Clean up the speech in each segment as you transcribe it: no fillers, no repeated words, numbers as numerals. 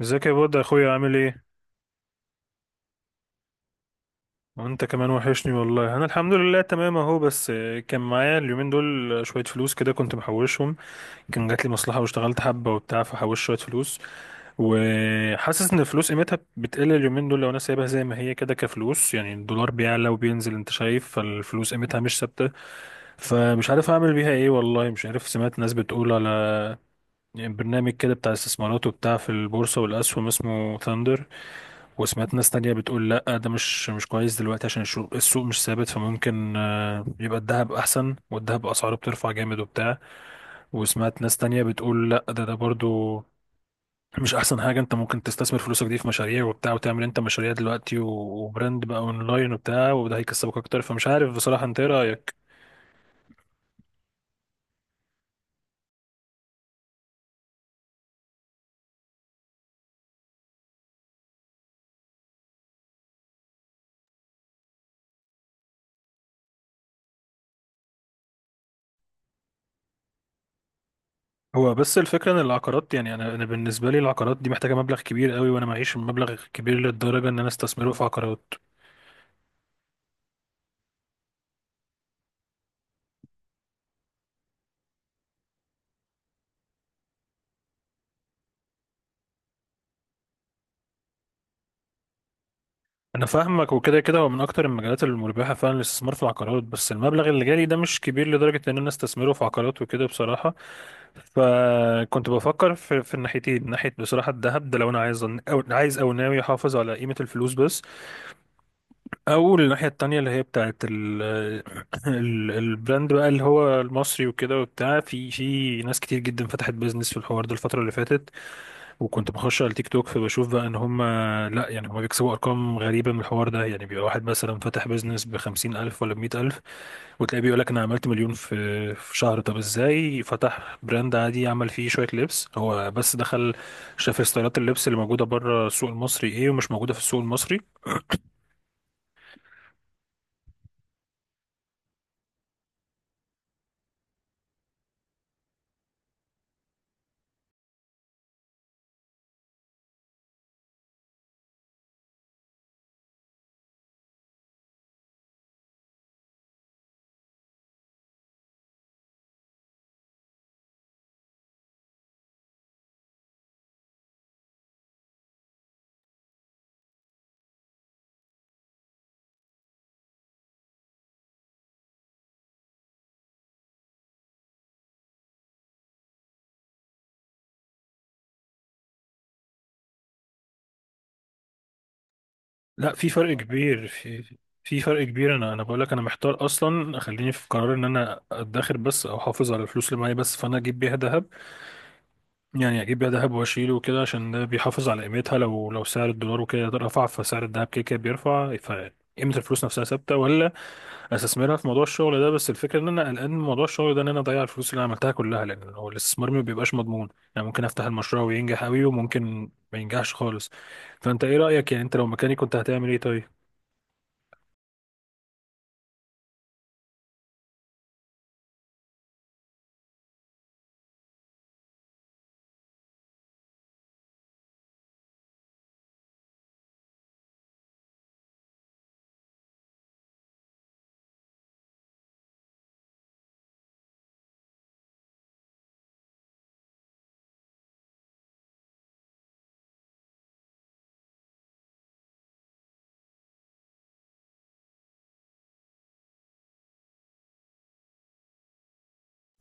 ازيك يا بود يا اخويا، عامل ايه؟ وانت كمان وحشني والله. انا الحمد لله تمام اهو. بس كان معايا اليومين دول شويه فلوس كده كنت محوشهم. كان جات لي مصلحه واشتغلت حبه وبتاع فحوشت شويه فلوس. وحاسس ان الفلوس قيمتها بتقل اليومين دول لو انا سايبها زي ما هي كده كفلوس، يعني الدولار بيعلى وبينزل، انت شايف، فالفلوس قيمتها مش ثابته. فمش عارف اعمل بيها ايه والله. مش عارف، سمعت ناس بتقول على برنامج كده بتاع استثمارات وبتاع في البورصه والاسهم اسمه ثاندر. وسمعت ناس تانية بتقول لا، ده مش كويس دلوقتي عشان السوق مش ثابت، فممكن يبقى الذهب أحسن، والذهب أسعاره بترفع جامد وبتاع. وسمعت ناس تانية بتقول لا، ده برضو مش أحسن حاجة. أنت ممكن تستثمر فلوسك دي في مشاريع وبتاع، وتعمل أنت مشاريع دلوقتي وبراند بقى أونلاين وبتاع، وده هيكسبك أكتر. فمش عارف بصراحة، أنت إيه رأيك؟ هو بس الفكرة إن العقارات، يعني أنا بالنسبة لي العقارات دي محتاجة مبلغ كبير قوي، وأنا معيش مبلغ كبير للدرجة إن أنا أستثمره في عقارات. انا فاهمك، وكده كده هو من اكتر المجالات المربحه فعلا الاستثمار في العقارات، بس المبلغ اللي جالي ده مش كبير لدرجه ان انا استثمره في عقارات وكده بصراحه. فكنت بفكر في الناحيتين، ناحيه بصراحه الذهب ده لو انا عايز او عايز او ناوي احافظ على قيمه الفلوس بس، او الناحيه التانيه اللي هي بتاعه البراند بقى اللي هو المصري وكده وبتاع. في ناس كتير جدا فتحت بيزنس في الحوار ده الفتره اللي فاتت، وكنت بخش على التيك توك فبشوف بقى ان هم، لا يعني هم بيكسبوا ارقام غريبه من الحوار ده. يعني بيبقى واحد مثلا فاتح بيزنس ب50 الف ولا ب100 الف، وتلاقيه بيقول لك انا عملت مليون في شهر. طب ازاي؟ فتح براند عادي عمل فيه شويه لبس. هو بس دخل شاف ستايلات اللبس اللي موجوده بره السوق المصري ايه ومش موجوده في السوق المصري. لا، في فرق كبير. في فرق كبير. انا بقول لك انا محتار اصلا. خليني في قرار ان انا ادخر بس او احافظ على الفلوس اللي معايا بس، فانا اجيب بيها ذهب. يعني اجيب بيها ذهب واشيله وكده عشان ده بيحافظ على قيمتها. لو سعر الدولار وكده رفع فسعر الذهب كده كده بيرفع، فقيمة الفلوس نفسها ثابتة. ولا استثمرها في موضوع الشغل ده، بس الفكرة ان انا قلقان من موضوع الشغل ده ان انا اضيع الفلوس اللي انا عملتها كلها، لان هو الاستثمار ما بيبقاش مضمون. يعني ممكن افتح المشروع وينجح قوي، وممكن ما ينجحش خالص. فانت ايه رأيك؟ يعني انت لو مكاني كنت هتعمل ايه طيب؟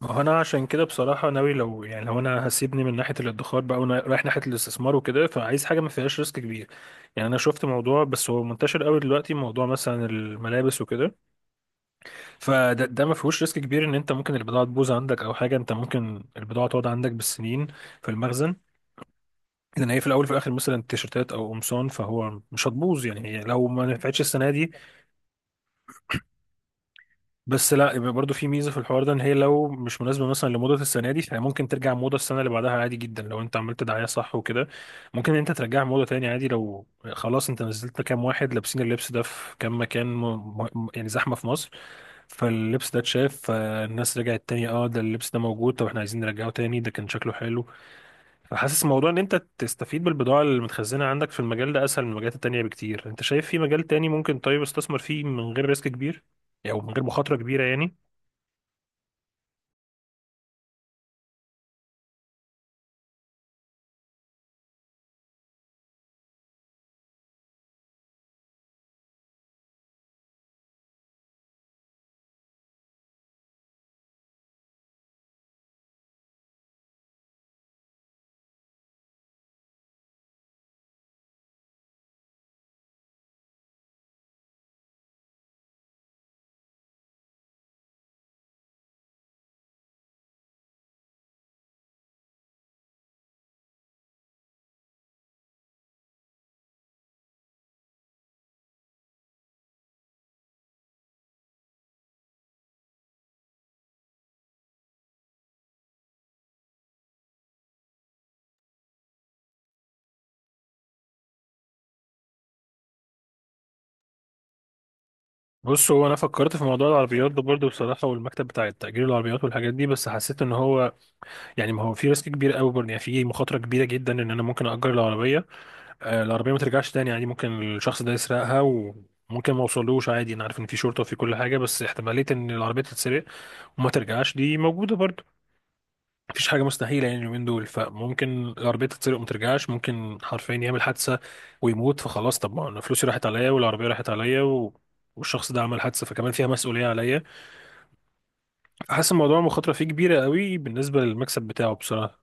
ما هو انا عشان كده بصراحه ناوي، لو يعني لو انا هسيبني من ناحيه الادخار بقى وانا رايح ناحيه الاستثمار وكده، فعايز حاجه ما فيهاش ريسك كبير. يعني انا شفت موضوع، بس هو منتشر قوي دلوقتي، موضوع مثلا الملابس وكده. فده ما فيهوش ريسك كبير ان انت ممكن البضاعه تبوظ عندك او حاجه. انت ممكن البضاعه تقعد عندك بالسنين في المخزن، لان هي في الاول وفي الاخر مثلا تيشرتات او قمصان، فهو مش هتبوظ يعني. هي لو ما نفعتش السنه دي بس، لا، يبقى برضو في ميزه في الحوار ده ان هي لو مش مناسبه مثلا لموضه السنه دي، فهي ممكن ترجع موضه السنه اللي بعدها عادي جدا. لو انت عملت دعايه صح وكده ممكن انت ترجعها موضه تاني عادي. لو خلاص انت نزلت كام واحد لابسين اللبس ده في كام مكان يعني زحمه في مصر، فاللبس ده اتشاف، فالناس رجعت تاني اه ده اللبس ده موجود، طب احنا عايزين نرجعه تاني، ده كان شكله حلو. فحاسس موضوع ان انت تستفيد بالبضاعه اللي متخزنه عندك في المجال ده اسهل من المجالات التانيه بكتير. انت شايف في مجال تاني ممكن طيب استثمر فيه من غير ريسك كبير، او يعني من غير مخاطره كبيره يعني؟ بص، هو انا فكرت في موضوع العربيات ده برضه بصراحه، والمكتب بتاع التأجير العربيات والحاجات دي، بس حسيت ان هو يعني ما هو في ريسك كبير قوي برضه. يعني في مخاطره كبيره جدا ان انا ممكن اجر العربيه العربيه ما ترجعش تاني عادي. ممكن الشخص ده يسرقها وممكن ما اوصلوش عادي. انا عارف ان في شرطه وفي كل حاجه، بس احتماليه ان العربيه تتسرق وما ترجعش دي موجوده برضه. مفيش حاجه مستحيله يعني اليومين دول، فممكن العربيه تتسرق وما ترجعش. ممكن حرفيا يعمل حادثه ويموت فخلاص. طب ما انا فلوسي راحت عليا والعربيه راحت عليا والشخص ده عمل حادثة فكمان فيها مسؤولية عليا. حاسس الموضوع مخاطرة فيه كبيرة قوي بالنسبة للمكسب بتاعه بصراحة.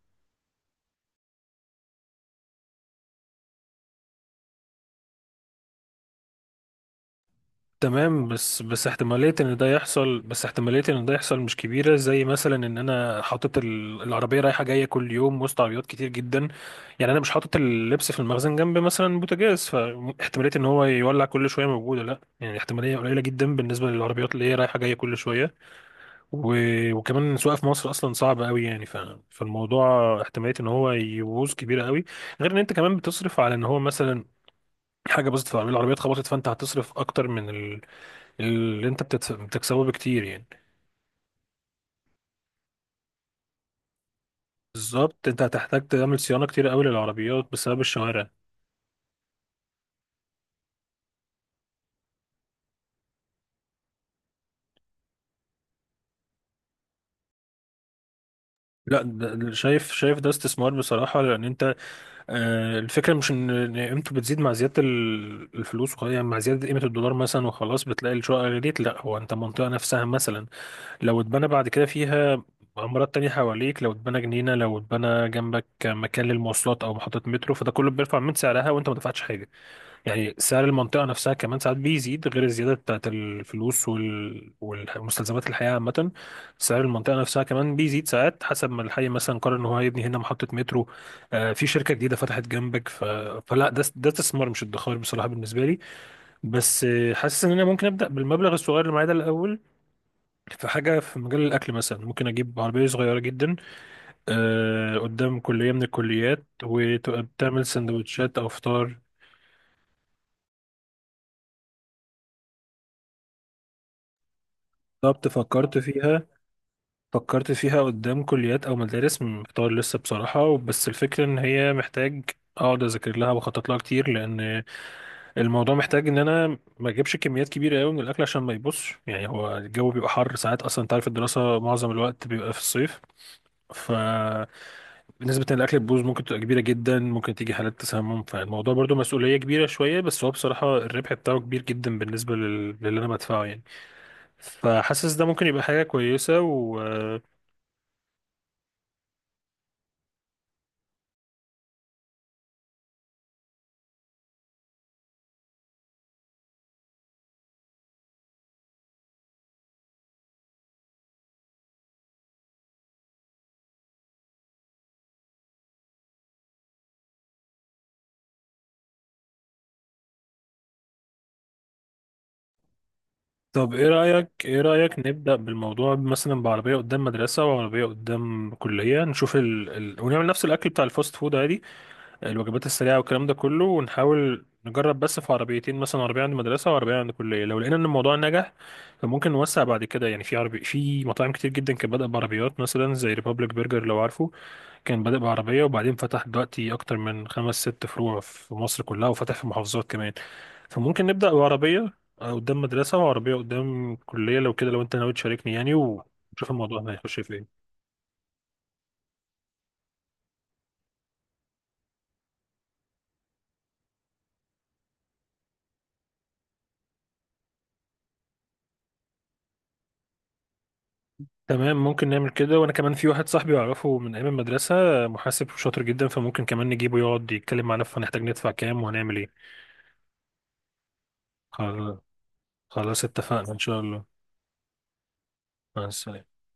تمام، بس بس احتمالية ان ده يحصل، بس احتمالية ان ده يحصل مش كبيرة زي مثلا ان انا حاطط العربية رايحة جاية كل يوم وسط عربيات كتير جدا. يعني انا مش حاطط اللبس في المخزن جنب مثلا بوتاجاز فاحتمالية ان هو يولع كل شوية موجودة، لا يعني احتمالية قليلة جدا بالنسبة للعربيات اللي هي رايحة جاية كل شوية و... وكمان السواقة في مصر اصلا صعبة قوي يعني فالموضوع احتمالية ان هو يبوظ كبيرة قوي. غير ان انت كمان بتصرف على ان هو مثلا حاجه بوزيتيف، عميل العربيه اتخبطت، فانت هتصرف اكتر من اللي انت بتكسبه بكتير يعني. بالظبط. انت هتحتاج تعمل صيانه كتير قوي للعربيات بسبب الشوارع. لا، ده شايف، شايف ده استثمار بصراحه. لان انت آه الفكره مش ان إن قيمته بتزيد مع زياده الفلوس وخلاص يعني، مع زياده قيمه الدولار مثلا وخلاص بتلاقي الشقه غليت. لا، هو انت المنطقه نفسها مثلا لو اتبنى بعد كده فيها عمارات تانية حواليك، لو اتبنى جنينة، لو اتبنى جنبك مكان للمواصلات أو محطة مترو، فده كله بيرفع من سعرها وأنت ما دفعتش حاجة. يعني سعر المنطقة نفسها كمان ساعات بيزيد غير الزيادة بتاعت الفلوس والمستلزمات الحياة عامة. سعر المنطقة نفسها كمان بيزيد ساعات حسب ما الحي مثلا قرر إن هو هيبني هنا محطة مترو. آه في شركة جديدة فتحت جنبك فلا، ده استثمار مش ادخار بصراحة بالنسبة لي. بس حاسس إن أنا ممكن أبدأ بالمبلغ الصغير اللي معايا ده الأول في حاجة في مجال الأكل مثلا. ممكن أجيب عربية صغيرة جدا آه قدام كلية من الكليات، وتبقى بتعمل سندوتشات أو فطار. بالظبط، فكرت فيها. فكرت فيها قدام كليات او مدارس، محتار لسه بصراحه. بس الفكره ان هي محتاج اقعد اذاكر لها واخطط لها كتير، لان الموضوع محتاج ان انا ما اجيبش كميات كبيره قوي من الاكل عشان ما يبصش. يعني هو الجو بيبقى حر ساعات اصلا. انت عارف الدراسه معظم الوقت بيبقى في الصيف، ف نسبة إن الأكل تبوظ ممكن تبقى كبيرة جدا. ممكن تيجي حالات تسمم، فالموضوع برضو مسؤولية كبيرة شوية. بس هو بصراحة الربح بتاعه كبير جدا بالنسبة للي أنا بدفعه يعني. فحاسس ده ممكن يبقى حاجة كويسة. طب ايه رأيك، ايه رأيك نبدأ بالموضوع مثلا بعربية قدام مدرسة وعربية قدام كلية، نشوف ونعمل نفس الأكل بتاع الفاست فود عادي، الوجبات السريعة والكلام ده كله، ونحاول نجرب بس في عربيتين مثلا، عربية عند مدرسة وعربية عند كلية. لو لقينا ان الموضوع نجح فممكن نوسع بعد كده. يعني في عربي، في مطاعم كتير جدا كانت بادئة بعربيات مثلا زي ريبابليك برجر لو عارفه، كان بادئ بعربية وبعدين فتح دلوقتي أكتر من خمس ست فروع في مصر كلها، وفتح في محافظات كمان. فممكن نبدأ بعربية قدام مدرسة وعربية قدام كلية لو كده، لو أنت ناوي تشاركني يعني، ونشوف الموضوع هنا هيخش فين. تمام، ممكن نعمل كده. وأنا كمان في واحد صاحبي أعرفه من أيام المدرسة، محاسب شاطر جدا، فممكن كمان نجيبه يقعد يتكلم معانا فهنحتاج ندفع كام وهنعمل إيه. خل- خلاص، اتفقنا إن شاء الله. مع السلامة.